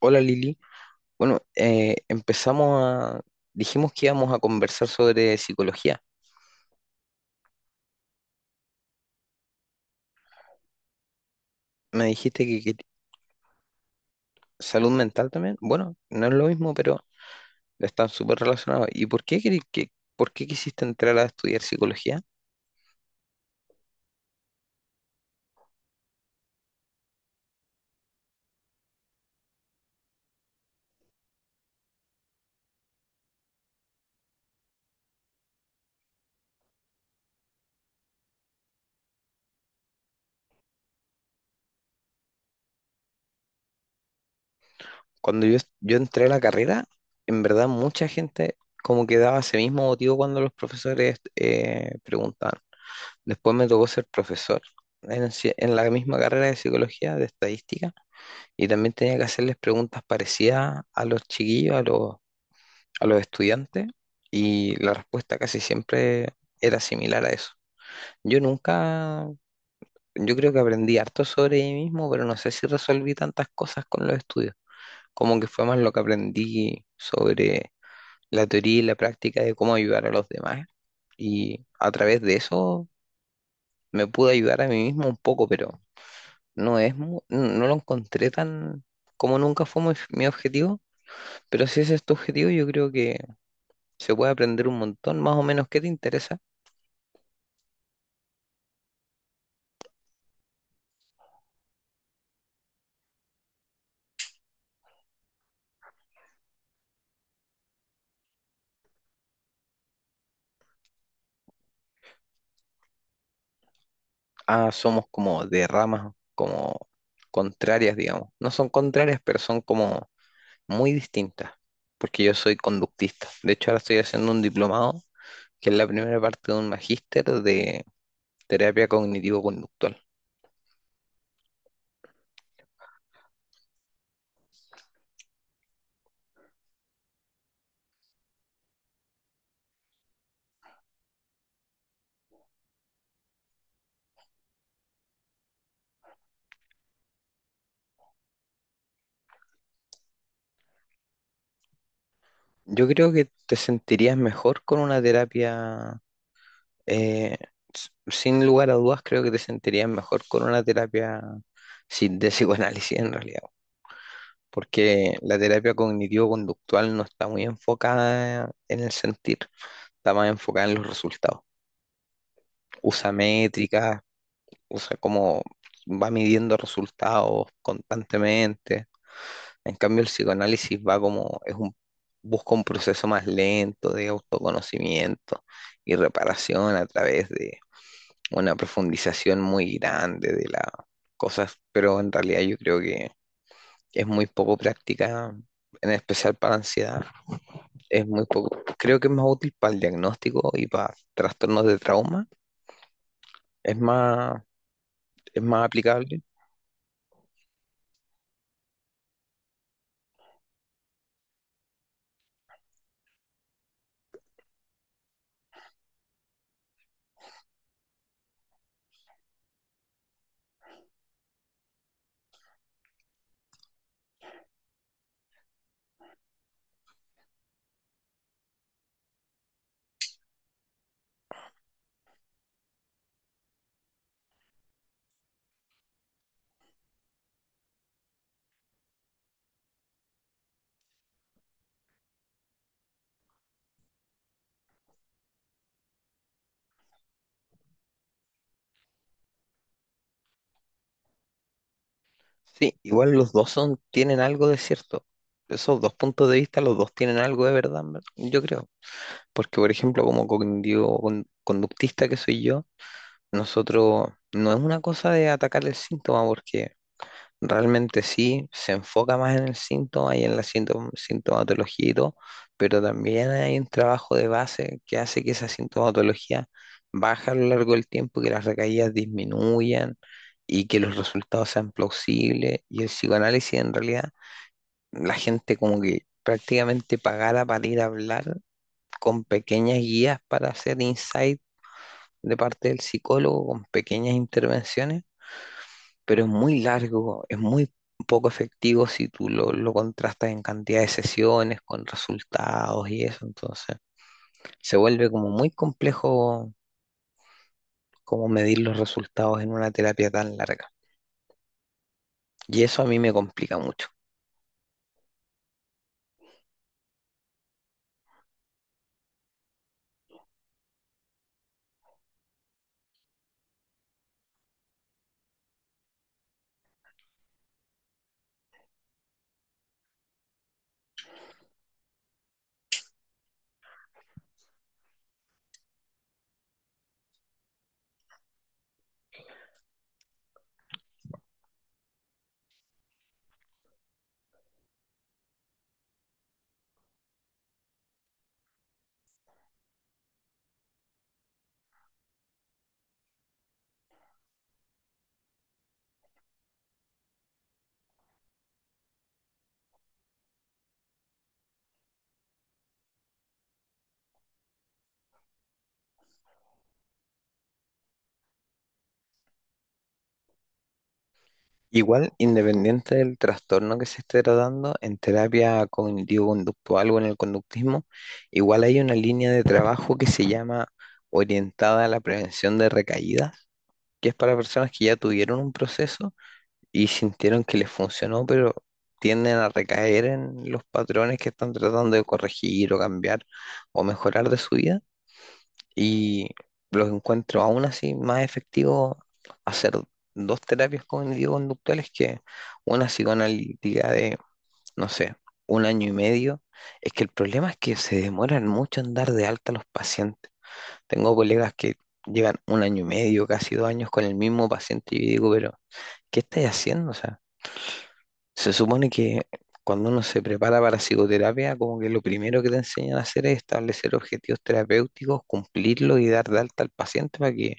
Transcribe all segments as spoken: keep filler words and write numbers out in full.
Hola, Lili. Bueno, eh, empezamos a... Dijimos que íbamos a conversar sobre psicología. Me dijiste que, que- salud mental también. Bueno, no es lo mismo, pero están súper relacionados. ¿Y por qué, queri- que, por qué quisiste entrar a estudiar psicología? Cuando yo, yo entré a la carrera, en verdad mucha gente como que daba ese mismo motivo cuando los profesores eh, preguntaban. Después me tocó ser profesor en, ci- en la misma carrera de psicología, de estadística. Y también tenía que hacerles preguntas parecidas a los chiquillos, a los, a los estudiantes, y la respuesta casi siempre era similar a eso. Yo nunca, yo creo que aprendí harto sobre mí mismo, pero no sé si resolví tantas cosas con los estudios. Como que fue más lo que aprendí sobre la teoría y la práctica de cómo ayudar a los demás. Y a través de eso me pude ayudar a mí mismo un poco, pero no es, mu- no lo encontré tan, como nunca fue mi mi objetivo. Pero si ese es tu objetivo, yo creo que se puede aprender un montón. Más o menos, ¿qué te interesa? Ah, somos como de ramas, como contrarias, digamos. No son contrarias, pero son como muy distintas, porque yo soy conductista. De hecho, ahora estoy haciendo un diplomado, que es la primera parte de un magíster de terapia cognitivo-conductual. Yo creo que te sentirías mejor con una terapia, eh, s- sin lugar a dudas, creo que te sentirías mejor con una terapia sin de psicoanálisis en realidad. Porque la terapia cognitivo-conductual no está muy enfocada en el sentir, está más enfocada en los resultados. Usa métricas, usa cómo va midiendo resultados constantemente. En cambio, el psicoanálisis va como, es un, busca un proceso más lento de autoconocimiento y reparación a través de una profundización muy grande de las cosas, pero en realidad yo creo que es muy poco práctica, en especial para ansiedad. Es muy poco, creo que es más útil para el diagnóstico y para trastornos de trauma, es más, es más aplicable. Sí, igual los dos son, tienen algo de cierto. Esos dos puntos de vista, los dos tienen algo de verdad, en ver- yo creo. Porque, por ejemplo, como cognitivo con- conductista que soy yo, nosotros no es una cosa de atacar el síntoma, porque realmente sí, se enfoca más en el síntoma y en la sintom- sintomatología y todo, pero también hay un trabajo de base que hace que esa sintomatología baje a lo largo del tiempo, que las recaídas disminuyan y que los resultados sean plausibles. Y el psicoanálisis en realidad, la gente como que prácticamente pagara para ir a hablar con pequeñas guías para hacer insight de parte del psicólogo, con pequeñas intervenciones, pero es muy largo, es muy poco efectivo si tú lo, lo contrastas en cantidad de sesiones, con resultados y eso. Entonces se vuelve como muy complejo como medir los resultados en una terapia tan larga. Y eso a mí me complica mucho. Igual, independiente del trastorno que se esté tratando, en terapia cognitivo-conductual o en el conductismo, igual hay una línea de trabajo que se llama orientada a la prevención de recaídas, que es para personas que ya tuvieron un proceso y sintieron que les funcionó, pero tienden a recaer en los patrones que están tratando de corregir o cambiar o mejorar de su vida, y los encuentro aún así más efectivo hacer dos terapias cognitivo-conductuales que una psicoanalítica de, no sé, un año y medio. Es que el problema es que se demoran mucho en dar de alta a los pacientes. Tengo colegas que llevan un año y medio, casi dos años con el mismo paciente y yo digo, pero ¿qué estáis haciendo? Se supone que cuando uno se prepara para psicoterapia, como que lo primero que te enseñan a hacer es establecer objetivos terapéuticos, cumplirlos y dar de alta al paciente, para que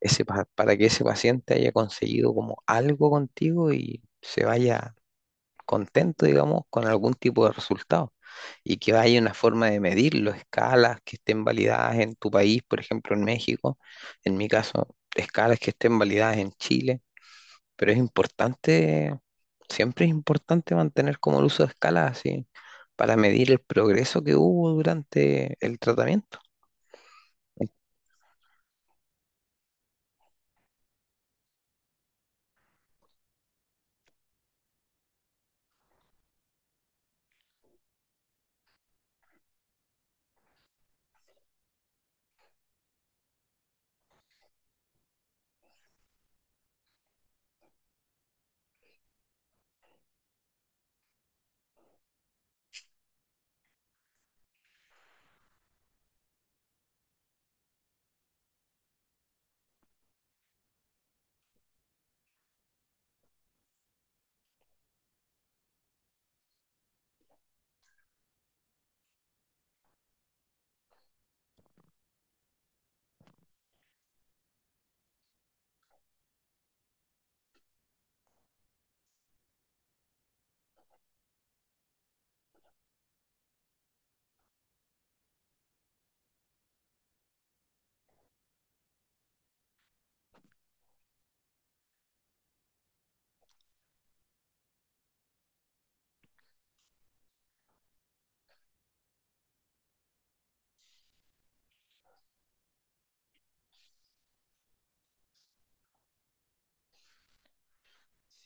ese, pa- para que ese paciente haya conseguido como algo contigo y se vaya contento, digamos, con algún tipo de resultado. Y que haya una forma de medirlo, escalas que estén validadas en tu país, por ejemplo, en México, en mi caso, escalas que estén validadas en Chile. Pero es importante, siempre es importante mantener como el uso de escala así, para medir el progreso que hubo durante el tratamiento.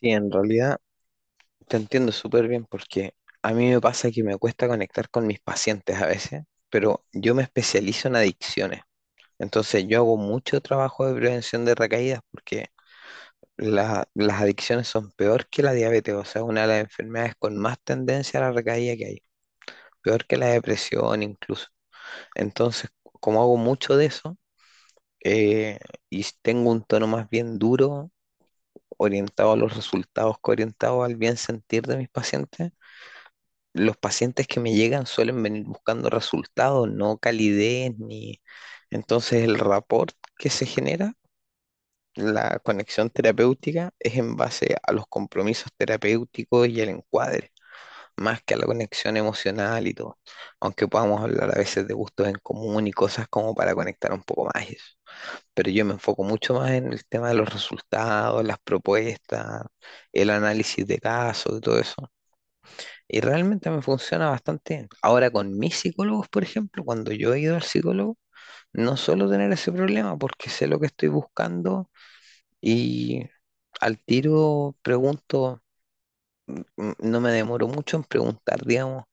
Sí, en realidad te entiendo súper bien porque a mí me pasa que me cuesta conectar con mis pacientes a veces, pero yo me especializo en adicciones. Entonces yo hago mucho trabajo de prevención de recaídas porque la- las adicciones son peor que la diabetes, o sea, una de las enfermedades con más tendencia a la recaída que hay, peor que la depresión incluso. Entonces, como hago mucho de eso, eh, y tengo un tono más bien duro, orientado a los resultados, que orientado al bien sentir de mis pacientes, los pacientes que me llegan suelen venir buscando resultados, no calidez ni... Entonces, el rapport que se genera, la conexión terapéutica, es en base a los compromisos terapéuticos y el encuadre, más que a la conexión emocional y todo. Aunque podamos hablar a veces de gustos en común y cosas como para conectar un poco más. Eso. Pero yo me enfoco mucho más en el tema de los resultados, las propuestas, el análisis de casos y todo eso. Y realmente me funciona bastante bien. Ahora con mis psicólogos, por ejemplo, cuando yo he ido al psicólogo, no suelo tener ese problema porque sé lo que estoy buscando, y al tiro pregunto, mm, no me demoro mucho en preguntar, digamos: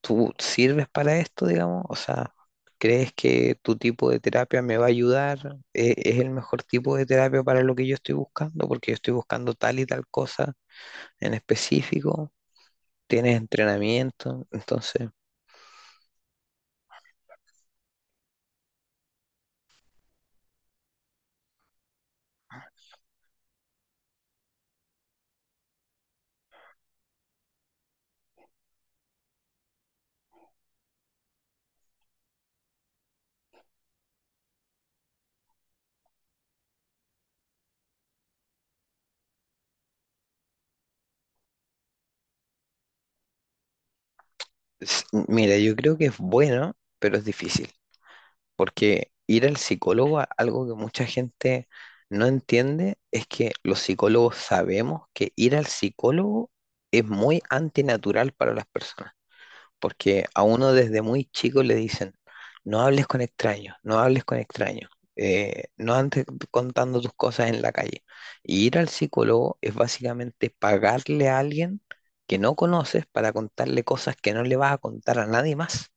¿Tú sirves para esto, digamos? O sea, ¿crees que tu tipo de terapia me va a ayudar? ¿E- ¿Es el mejor tipo de terapia para lo que yo estoy buscando? Porque yo estoy buscando tal y tal cosa en específico. ¿Tienes entrenamiento? Entonces, s- mira, yo creo que es bueno, pero es difícil. Porque ir al psicólogo, a- algo que mucha gente no entiende, es que los psicólogos sabemos que ir al psicólogo es muy antinatural para las personas. Porque a uno desde muy chico le dicen, no hables con extraños, no hables con extraños, eh, no andes contando tus cosas en la calle. Y ir al psicólogo es básicamente pagarle a alguien que no conoces para contarle cosas que no le vas a contar a nadie más.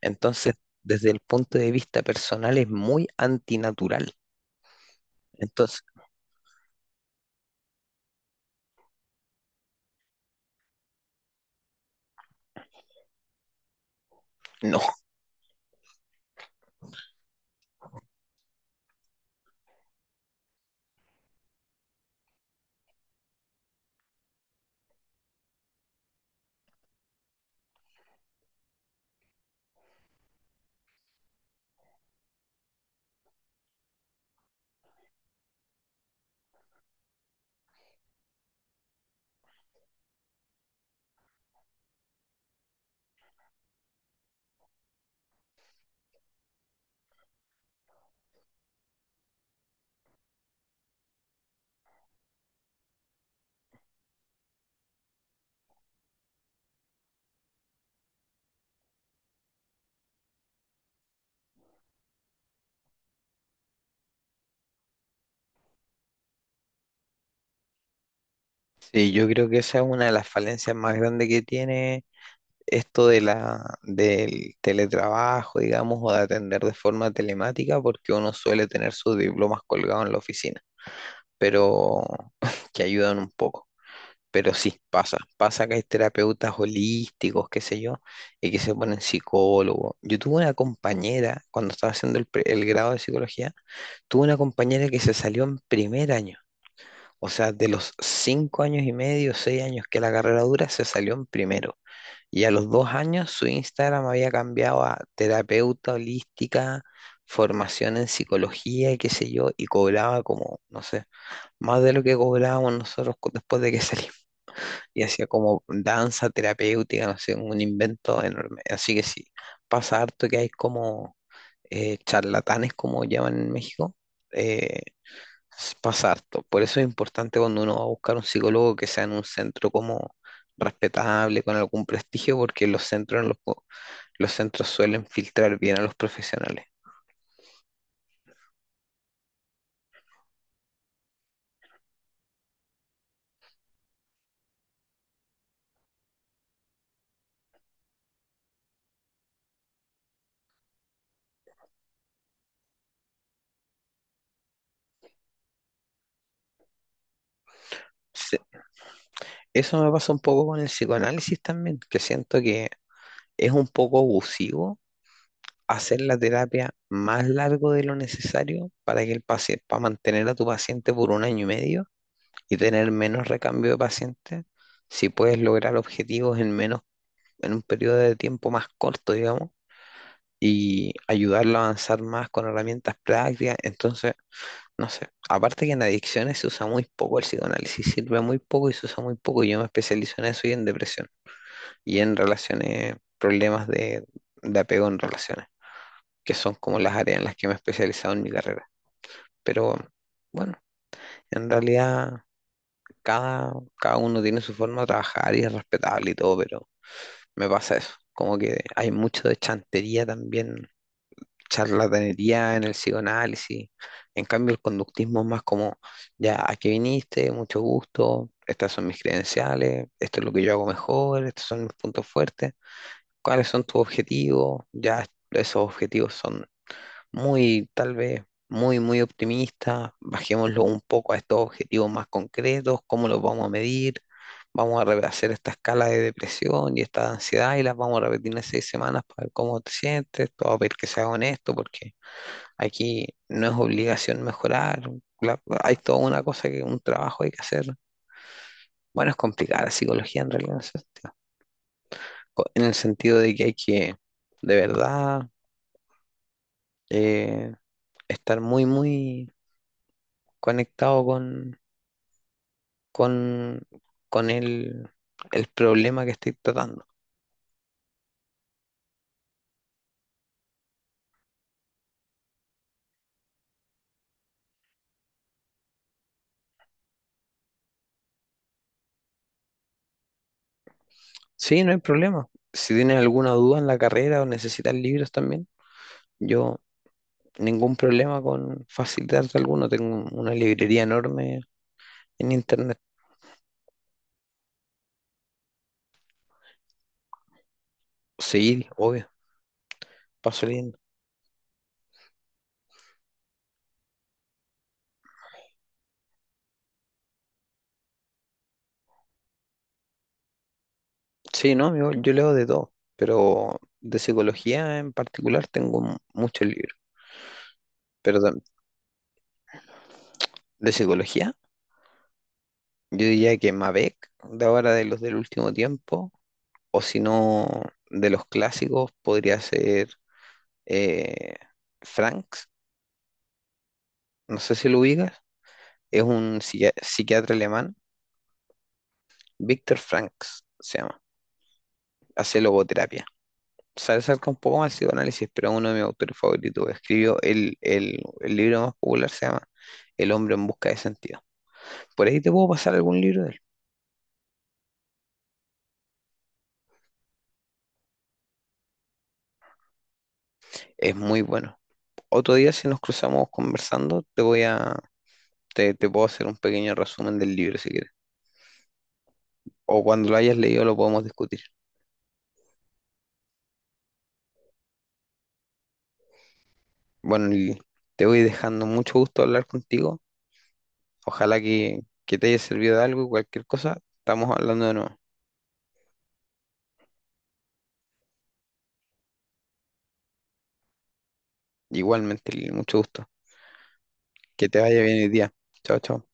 Entonces, desde el punto de vista personal es muy antinatural. Entonces, no, sí, yo creo que esa es una de las falencias más grandes que tiene esto de la, del teletrabajo, digamos, o de atender de forma telemática, porque uno suele tener sus diplomas colgados en la oficina, pero que ayudan un poco. Pero sí, pasa, pasa que hay terapeutas holísticos, qué sé yo, y que se ponen psicólogos. Yo tuve una compañera, cuando estaba haciendo el, pre- el grado de psicología, tuve una compañera que se salió en primer año. O sea, de los cinco años y medio, seis años que la carrera dura, se salió en primero. Y a los dos años su Instagram había cambiado a terapeuta holística, formación en psicología y qué sé yo, y cobraba como, no sé, más de lo que cobrábamos nosotros cu- después de que salimos. Y hacía como danza terapéutica, no sé, un invento enorme. Así que sí, pasa harto que hay como eh, charlatanes, como llaman en México. eh, s- pasa harto. Por eso es importante cuando uno va a buscar un psicólogo que sea en un centro como respetable, con algún prestigio, porque los centros en los, los centros suelen filtrar bien a los profesionales. Se- Eso me pasa un poco con el psicoanálisis también, que siento que es un poco abusivo hacer la terapia más largo de lo necesario para que el paciente, para mantener a tu paciente por un año y medio y tener menos recambio de pacientes, si puedes lograr objetivos en menos, en un periodo de tiempo más corto, digamos, y ayudarlo a avanzar más con herramientas prácticas. Entonces, no sé. Aparte que en adicciones se usa muy poco el psicoanálisis, sirve muy poco y se usa muy poco. Yo me especializo en eso y en depresión y en relaciones, problemas de, de apego en relaciones, que son como las áreas en las que me he especializado en mi carrera. Pero bueno, en realidad cada, cada uno tiene su forma de trabajar y es respetable y todo, pero me pasa eso. Como que hay mucho de chantería también, charlatanería en el psicoanálisis. En cambio, el conductismo es más como, ya, aquí viniste, mucho gusto, estas son mis credenciales, esto es lo que yo hago mejor, estos son mis puntos fuertes, cuáles son tus objetivos, ya esos objetivos son muy, tal vez, muy, muy optimistas, bajémoslo un poco a estos objetivos más concretos, cómo los vamos a medir. Vamos a re- hacer esta escala de depresión y esta de ansiedad y las vamos a repetir en seis semanas para ver cómo te sientes, todo a ver que sea honesto, porque aquí no es obligación mejorar, la- hay toda una cosa que un trabajo hay que hacer. Bueno, es complicada la psicología en realidad en ese sentido. Co- En el sentido de que hay que, de verdad, eh, estar muy, muy conectado con, con, con el, el problema que estoy tratando. Sí, no hay problema. Si tienes alguna duda en la carrera o necesitas libros también, yo ningún problema con facilitarte alguno. Tengo una librería enorme en internet. Sí, obvio, paso leyendo. Sí, no, yo, yo leo de todo, pero de psicología en particular tengo mu- muchos libros. Pero tam- de psicología, yo diría que Mabec, de ahora de los del último tiempo, o si no, de los clásicos, podría ser eh, Franks, no sé si lo ubicas, es un psiqui- psiquiatra alemán, Viktor Franks se llama, hace logoterapia. Se acerca un poco más al psicoanálisis, pero uno de mis autores favoritos, escribió el, el, el libro más popular, se llama El hombre en busca de sentido. Por ahí te puedo pasar algún libro de él. Es muy bueno. Otro día, si nos cruzamos conversando, te voy a, te, te puedo hacer un pequeño resumen del libro si quieres. O cuando lo hayas leído lo podemos discutir. Bueno, Lili, te voy dejando, mucho gusto hablar contigo. Ojalá que, que te haya servido de algo, y cualquier cosa, estamos hablando de nuevo. Igualmente, Lili, mucho gusto. Que te vaya bien el día. Chao, chao.